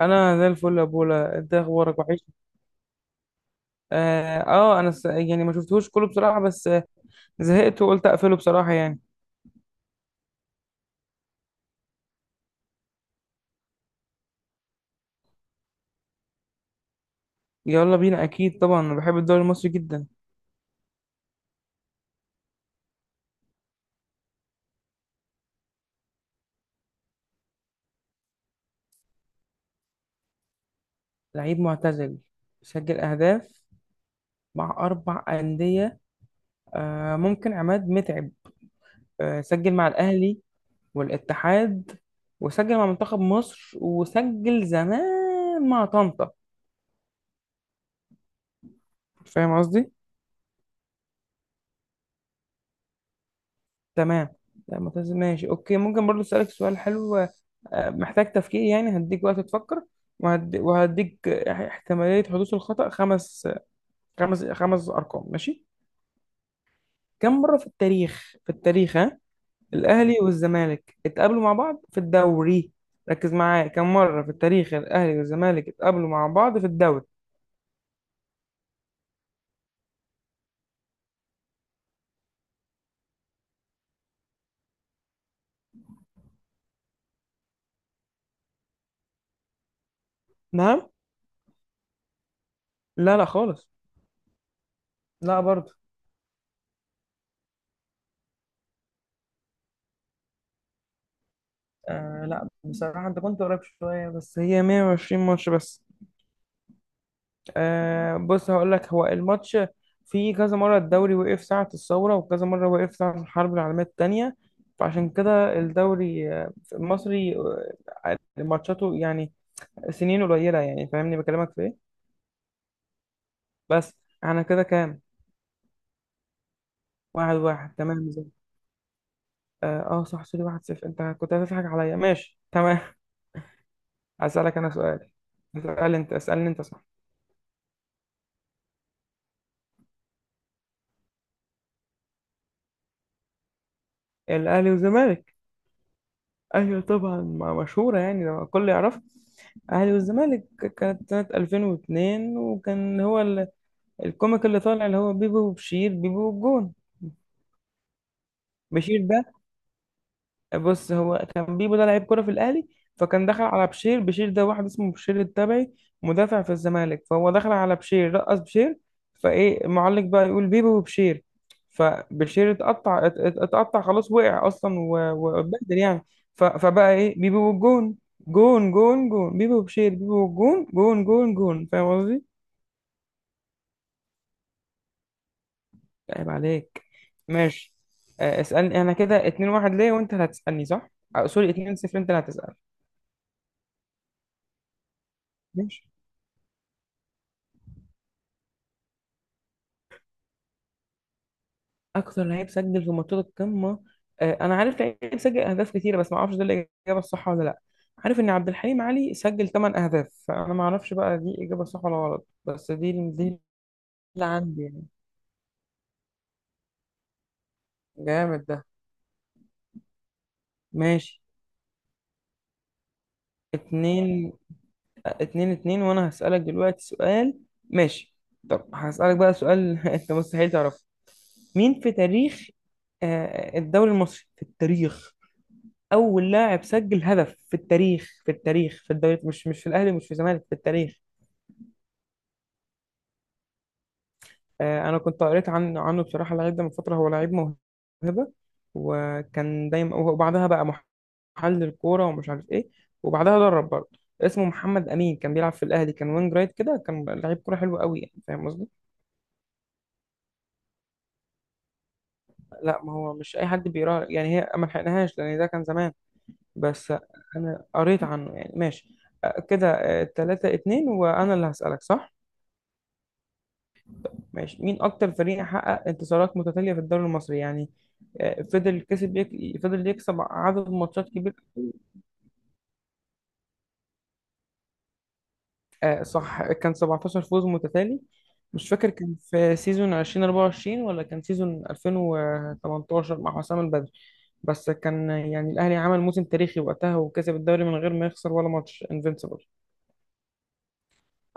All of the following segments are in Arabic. انا زي الفل يا بولا، انت إيه اخبارك وحش؟ انا يعني ما شفتهوش كله بصراحه بس زهقت وقلت اقفله بصراحه يعني. يلا بينا، اكيد طبعا انا بحب الدوري المصري جدا. لعيب معتزل، سجل اهداف مع اربع انديه. آه، ممكن عماد متعب. آه، سجل مع الاهلي والاتحاد، وسجل مع منتخب مصر، وسجل زمان مع طنطا. فاهم قصدي؟ تمام. لا معتزل، ماشي اوكي، ممكن برضو اسالك سؤال حلو. محتاج تفكير يعني، هديك وقت تفكر. وهديك احتمالية حدوث الخطأ خمس أرقام، ماشي. كم مرة في التاريخ، ها؟ الأهلي والزمالك اتقابلوا مع بعض في الدوري. ركز معايا، كم مرة في التاريخ الأهلي والزمالك اتقابلوا مع بعض في الدوري؟ نعم. لا، لا خالص. لا برضه. لا، بصراحة انت كنت قريب شوية بس هي 120 ماتش بس. بص هقول لك، هو الماتش في كذا مرة الدوري وقف ساعة الثورة، وكذا مرة وقف ساعة الحرب العالمية التانية. فعشان كده الدوري المصري ماتشاته يعني سنين قليلة، يعني فاهمني بكلمك في ايه. بس. احنا كده كام؟ 1-1، تمام، زي... صح سوري، 1-0، انت كنت هتضحك عليا، ماشي تمام. هسألك انا سؤال. اسأل انت، اسألني انت، صح. الاهلي والزمالك. ايوه طبعا، مشهوره يعني، لما الكل يعرف. الاهلي والزمالك. كانت سنه 2002، وكان هو الكوميك اللي طالع، اللي هو بيبو وبشير، بيبو والجون. بشير ده. بص، هو كان بيبو ده لعيب كرة في الأهلي. فكان دخل على بشير. بشير ده واحد اسمه بشير التبعي، مدافع في الزمالك. فهو دخل على بشير، رقص بشير. فإيه المعلق بقى؟ يقول بيبو وبشير. فبشير اتقطع، اتقطع خلاص، وقع أصلا واتبهدل يعني. فبقى إيه؟ بيبو والجون، جون جون جون، بيبو وبشير، بيبو والجون جون جون جون، فاهم قصدي؟ عيب عليك. ماشي. اسألني أنا، كده 2-1 ليه؟ وأنت اللي هتسألني صح؟ سوري 2-0، أنت اللي هتسأل. ماشي. اكتر لعيب سجل في ماتشات القمه. انا عارف لعيب سجل اهداف كتيره بس ما اعرفش ده الاجابه الصح ولا لا. عارف ان عبد الحليم علي سجل 8 اهداف، فانا ما اعرفش بقى دي اجابه صح ولا غلط، بس دي اللي عندي يعني. جامد ده. ماشي. اتنين اتنين. اتنين، وانا هسألك دلوقتي سؤال. ماشي. طب هسألك بقى سؤال انت مستحيل تعرفه. مين في تاريخ الدوري المصري في التاريخ، اول لاعب سجل هدف في التاريخ في الدوري، مش في الاهلي، مش في الزمالك، في التاريخ؟ انا كنت قريت عنه بصراحه، اللعيب ده من فتره هو لعيب موهبه، وكان دايما، وبعدها بقى محلل كوره ومش عارف ايه، وبعدها درب برضه. اسمه محمد امين، كان بيلعب في الاهلي، كان وينج رايت كده، كان لعيب كوره حلو قوي يعني، فاهم قصدي؟ لا، ما هو مش اي حد بيقرا يعني، هي ما لحقناهاش لان ده كان زمان. بس. انا قريت عنه يعني، ماشي. كده 3-2، وانا اللي هسألك، صح. ماشي، مين أكتر فريق حقق انتصارات متتالية في الدوري المصري يعني؟ فضل يكسب عدد ماتشات كبير. صح، كان 17 فوز متتالي. مش فاكر كان في سيزون 2024 ولا كان سيزون 2018 مع حسام البدري، بس كان يعني الأهلي عمل موسم تاريخي وقتها، وكسب الدوري من غير ما يخسر ولا ماتش، انفينسيبل.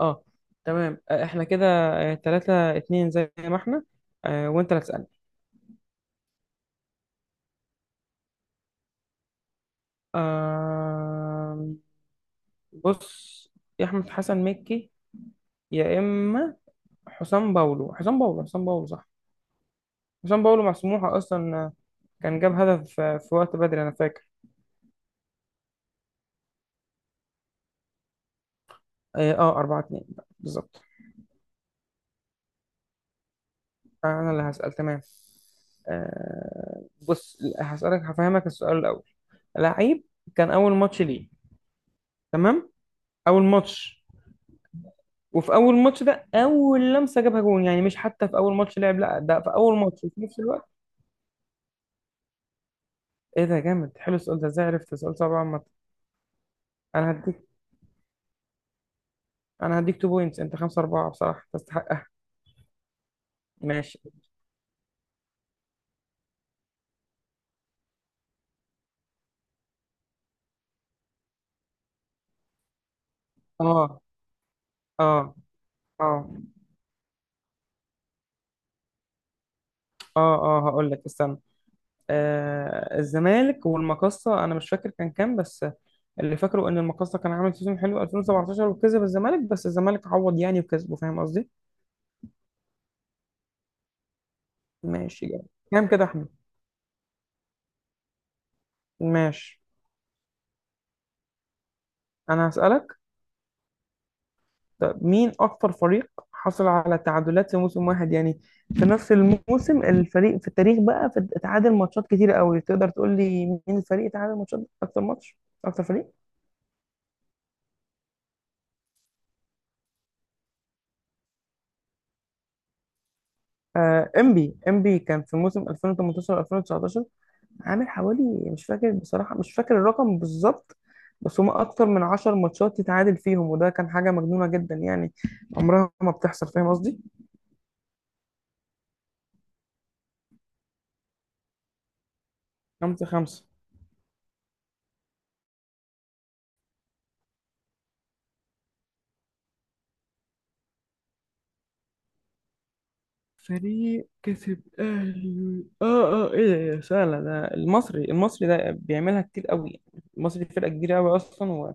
اه، تمام. احنا كده 3-2 زي ما احنا. وانت اللي هتسألني. آه، بص، يا احمد حسن مكي، يا اما حسام باولو، حسام باولو، حسام باولو، صح. حسام باولو مع سموحه اصلا، كان جاب هدف في وقت بدري انا فاكر. 4-2 بالظبط. انا اللي هسأل، تمام. بص هسألك، هفهمك السؤال الأول. لعيب كان أول ماتش ليه، تمام. أول ماتش، وفي أول ماتش ده أول لمسة جابها جون، يعني مش حتى في أول ماتش لعب، لا ده في أول ماتش وفي نفس الوقت. إيه ده؟ جامد حلو السؤال ده، إزاي عرفت؟ السؤال صعب عامة. أنا هديك انا هديك 2 بوينتس، انت 5-4 بصراحه تستحقها. ماشي. اه اه اه اه اه، هقول لك استنى. الزمالك والمقصه، انا مش فاكر كان كام، بس اللي فاكره ان المقصه كان عامل سيزون حلو 2017 وكسب الزمالك، بس الزمالك عوض يعني وكسبه، فاهم قصدي. ماشي، جامد. كام كده يا احمد؟ ماشي. انا هسألك. طب مين أكتر فريق حصل على تعادلات في موسم واحد يعني، في نفس الموسم، الفريق في التاريخ بقى، في اتعادل ماتشات كتير قوي، تقدر تقول لي مين الفريق اتعادل ماتشات أكتر ماتش، أكتر فريق؟ إنبي إنبي كان في موسم 2018-2019، عامل حوالي، مش فاكر بصراحة، مش فاكر الرقم بالظبط، بس هما أكتر من 10 ماتشات يتعادل فيهم، وده كان حاجة مجنونة جدا يعني، عمرها ما بتحصل، فاهم قصدي؟ 5-5. فريق كسب اهلي، اه اه، ايه ده؟ إيه ده؟ سهله ده، المصري. المصري ده بيعملها كتير قوي، المصري فرقه كبيره قوي اصلا،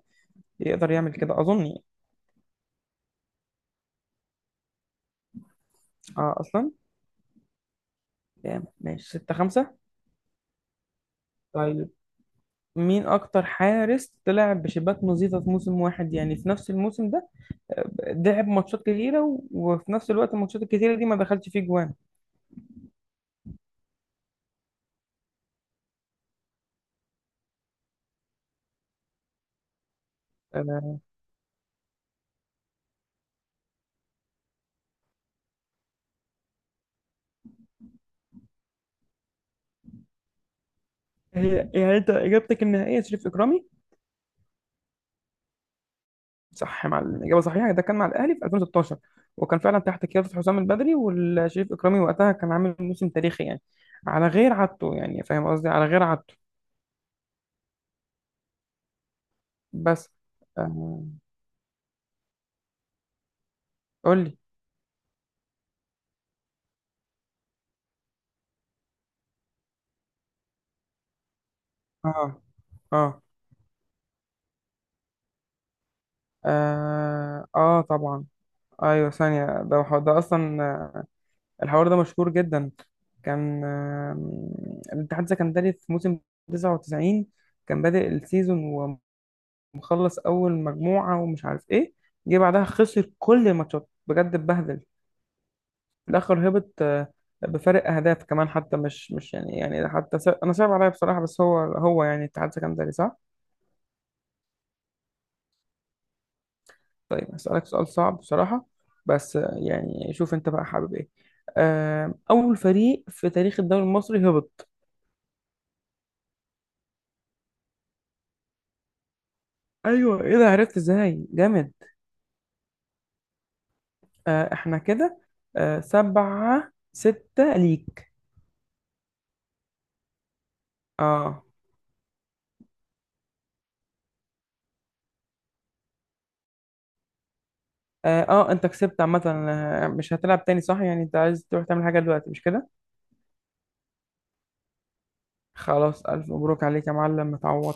ويقدر يعمل كده اظن يعني. اه اصلا، يعني ماشي 6-5. طيب مين اكتر حارس طلع بشباك نظيفه في موسم واحد يعني، في نفس الموسم ده لعب ماتشات كتيره وفي نفس الوقت الماتشات الكتيره دي ما دخلش فيه جوان؟ آه، يعني انت اجابتك النهائيه شريف اكرامي. صح، مع الإجابة صحيحة، ده كان مع الأهلي في 2016، وكان فعلا تحت قيادة حسام البدري، والشريف إكرامي وقتها كان عامل موسم تاريخي يعني، على غير عادته يعني، فاهم قصدي، على غير عادته. بس. آه. قول لي. اه اه اه، آه طبعا، ايوه ثانية، ده اصلا الحوار ده مشهور جدا. كان الاتحاد السكندري في موسم 99، كان بادئ السيزون، مخلص اول مجموعه ومش عارف ايه، جه بعدها خسر كل الماتشات، بجد اتبهدل، في الاخر هبط بفارق اهداف كمان، حتى مش يعني حتى انا صعب عليا بصراحه، بس هو يعني اتحاد سكندري، صح. طيب هسألك سؤال صعب بصراحه، بس يعني شوف انت بقى حابب ايه. اول فريق في تاريخ الدوري المصري هبط؟ ايوه، ايه ده؟ عرفت ازاي؟ جامد. احنا كده 7-6 ليك. اه. انت كسبت عامة. مش هتلعب تاني صح؟ يعني انت عايز تروح تعمل حاجة دلوقتي، مش كده؟ خلاص، الف مبروك عليك يا معلم، متعوض.